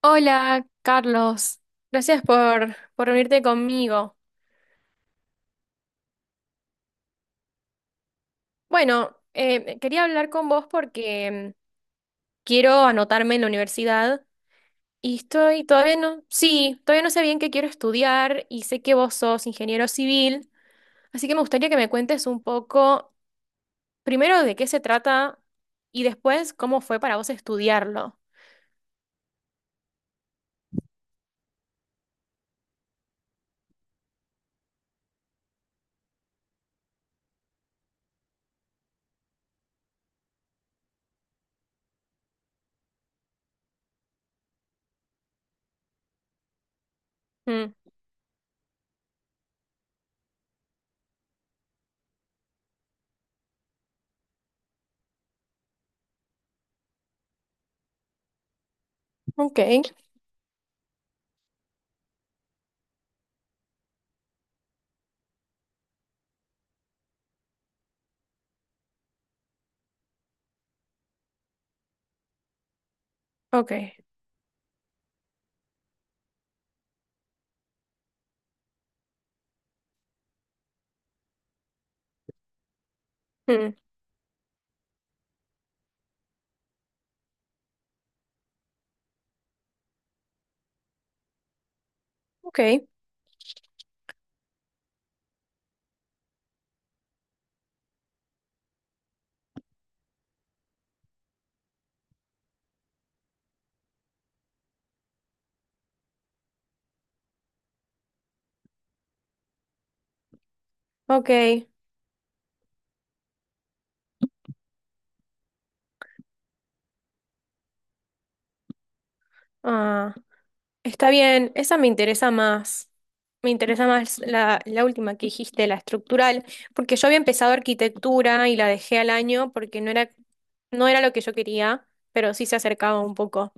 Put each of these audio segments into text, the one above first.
Hola, Carlos. Gracias por reunirte conmigo. Bueno, quería hablar con vos porque quiero anotarme en la universidad y estoy todavía no, sí, todavía no sé bien qué quiero estudiar y sé que vos sos ingeniero civil, así que me gustaría que me cuentes un poco primero de qué se trata y después cómo fue para vos estudiarlo. Mm, ok, ok, mm, ok, ok. Ah, está bien, esa me interesa más. Me interesa más la última que dijiste, la estructural, porque yo había empezado arquitectura y la dejé al año porque no era lo que yo quería, pero sí se acercaba un poco.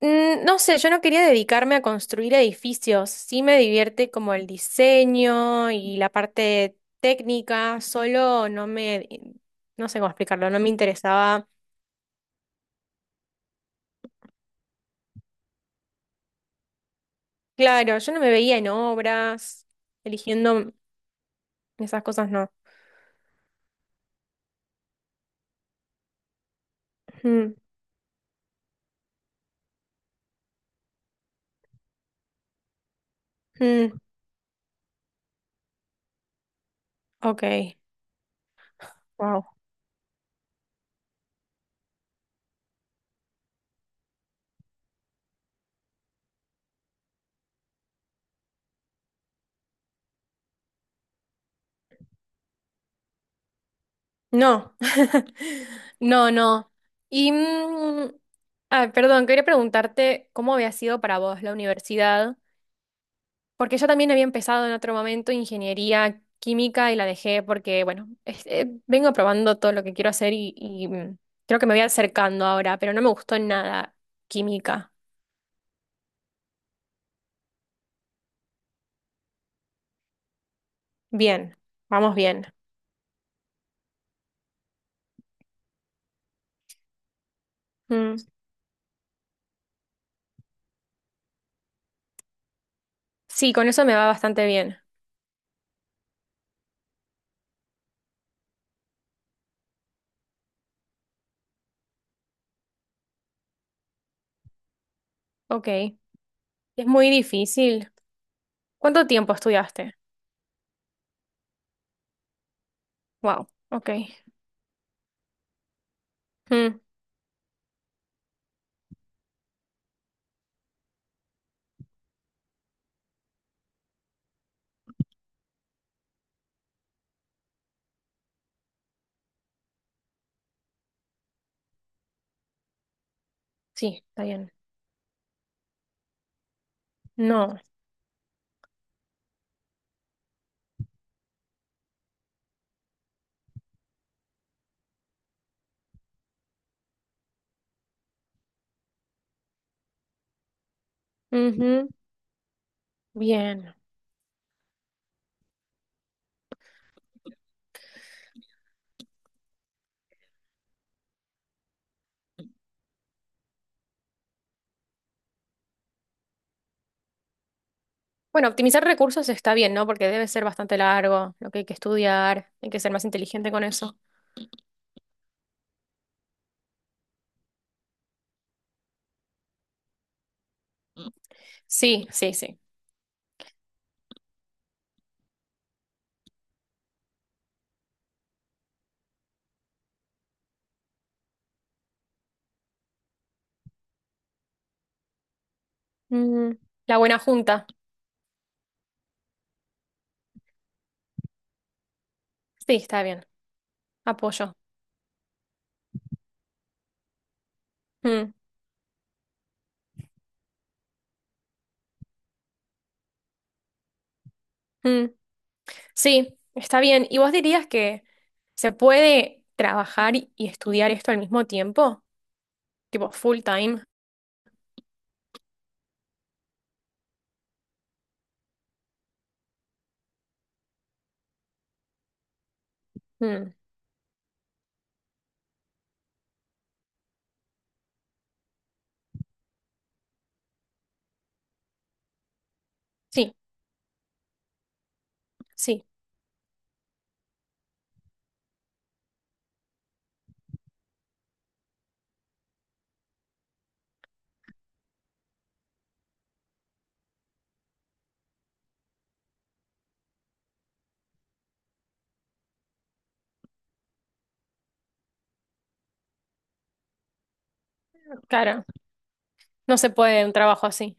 Mm, no sé, yo no quería dedicarme a construir edificios. Sí me divierte como el diseño y la parte técnica, solo no sé cómo explicarlo, no me interesaba. Claro, yo no me veía en obras, eligiendo esas cosas no. Mm. Mm, ok, wow. No, no, no. Y, perdón, quería preguntarte cómo había sido para vos la universidad, porque yo también había empezado en otro momento ingeniería química y la dejé porque, bueno, vengo probando todo lo que quiero hacer y creo que me voy acercando ahora, pero no me gustó nada química. Bien, vamos bien. Mm, sí, con eso me va bastante bien. Ok. Es muy difícil. ¿Cuánto tiempo estudiaste? Wow, ok. Mm, sí, está bien. No. Ujú, bien. Bueno, optimizar recursos está bien, ¿no? Porque debe ser bastante largo, lo que hay que estudiar, hay que ser más inteligente con eso. Sí, sí, sí. Mm, la buena junta. Sí, está bien. Apoyo. Mm, mm. Sí, está bien. ¿Y vos dirías que se puede trabajar y estudiar esto al mismo tiempo? Tipo full time. Mm, sí, sí, claro. No se puede un trabajo así.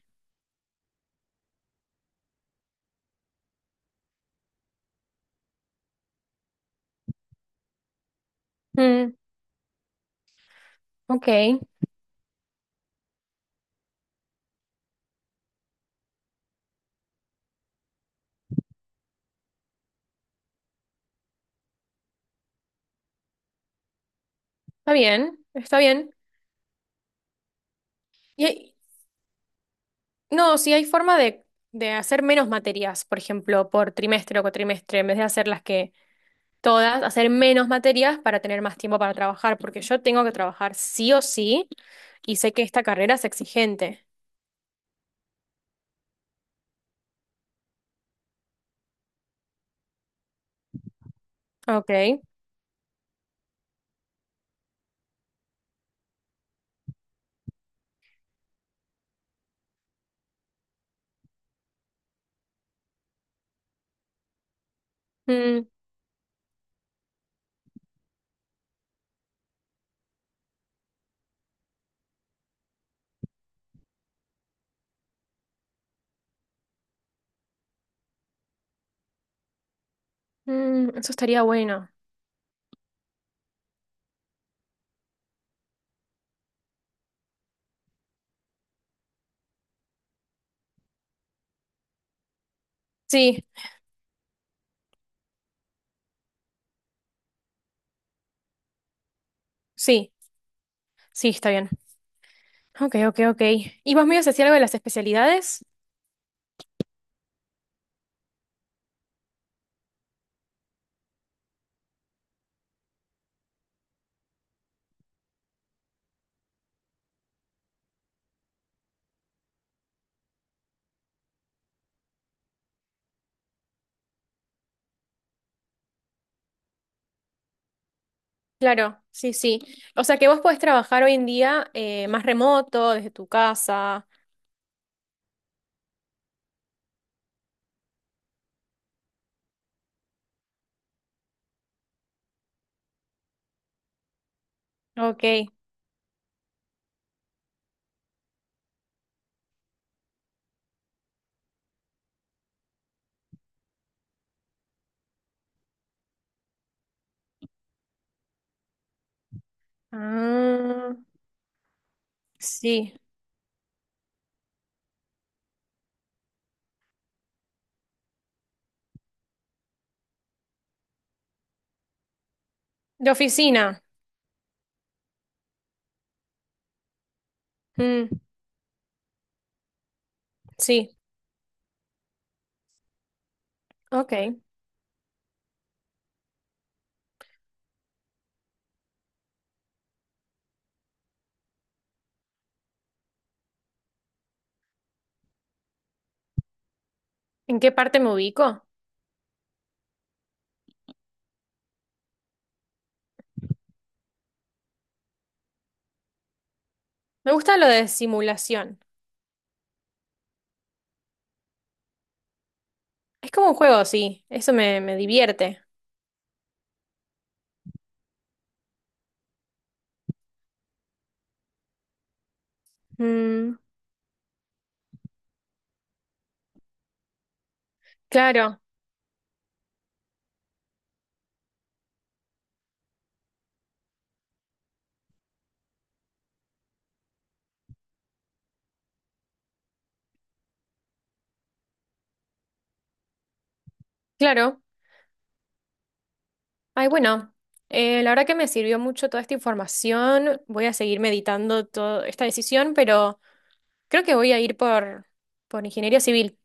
Mm, ok, está bien, está bien. Y hay- no, si hay forma de hacer menos materias, por ejemplo, por trimestre o cuatrimestre, en vez de hacer las que todas, hacer menos materias para tener más tiempo para trabajar, porque yo tengo que trabajar sí o sí y sé que esta carrera es exigente. Ok. Mm, mm, eso estaría bueno. Sí, sí, sí, está bien. Ok, ok, ok. ¿Y vos me ibas a decir algo de las especialidades? Claro, sí, sí. O sea que vos podés trabajar hoy en día más remoto, desde tu casa. Ok. Ah, sí. De oficina. Mm, sí. Ok. ¿En qué parte me ubico? Me gusta lo de simulación. Es como un juego, sí. Eso me divierte. Mm, claro, claro. Ay, bueno, la verdad que me sirvió mucho toda esta información. Voy a seguir meditando toda esta decisión, pero creo que voy a ir por ingeniería civil.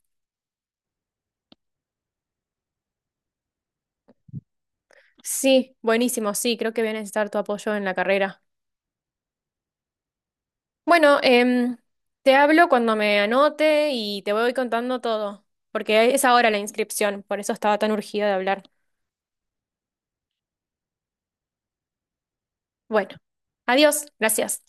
Sí, buenísimo, sí, creo que voy a necesitar tu apoyo en la carrera. Bueno, te hablo cuando me anote y te voy contando todo, porque es ahora la inscripción, por eso estaba tan urgida de hablar. Bueno, adiós, gracias.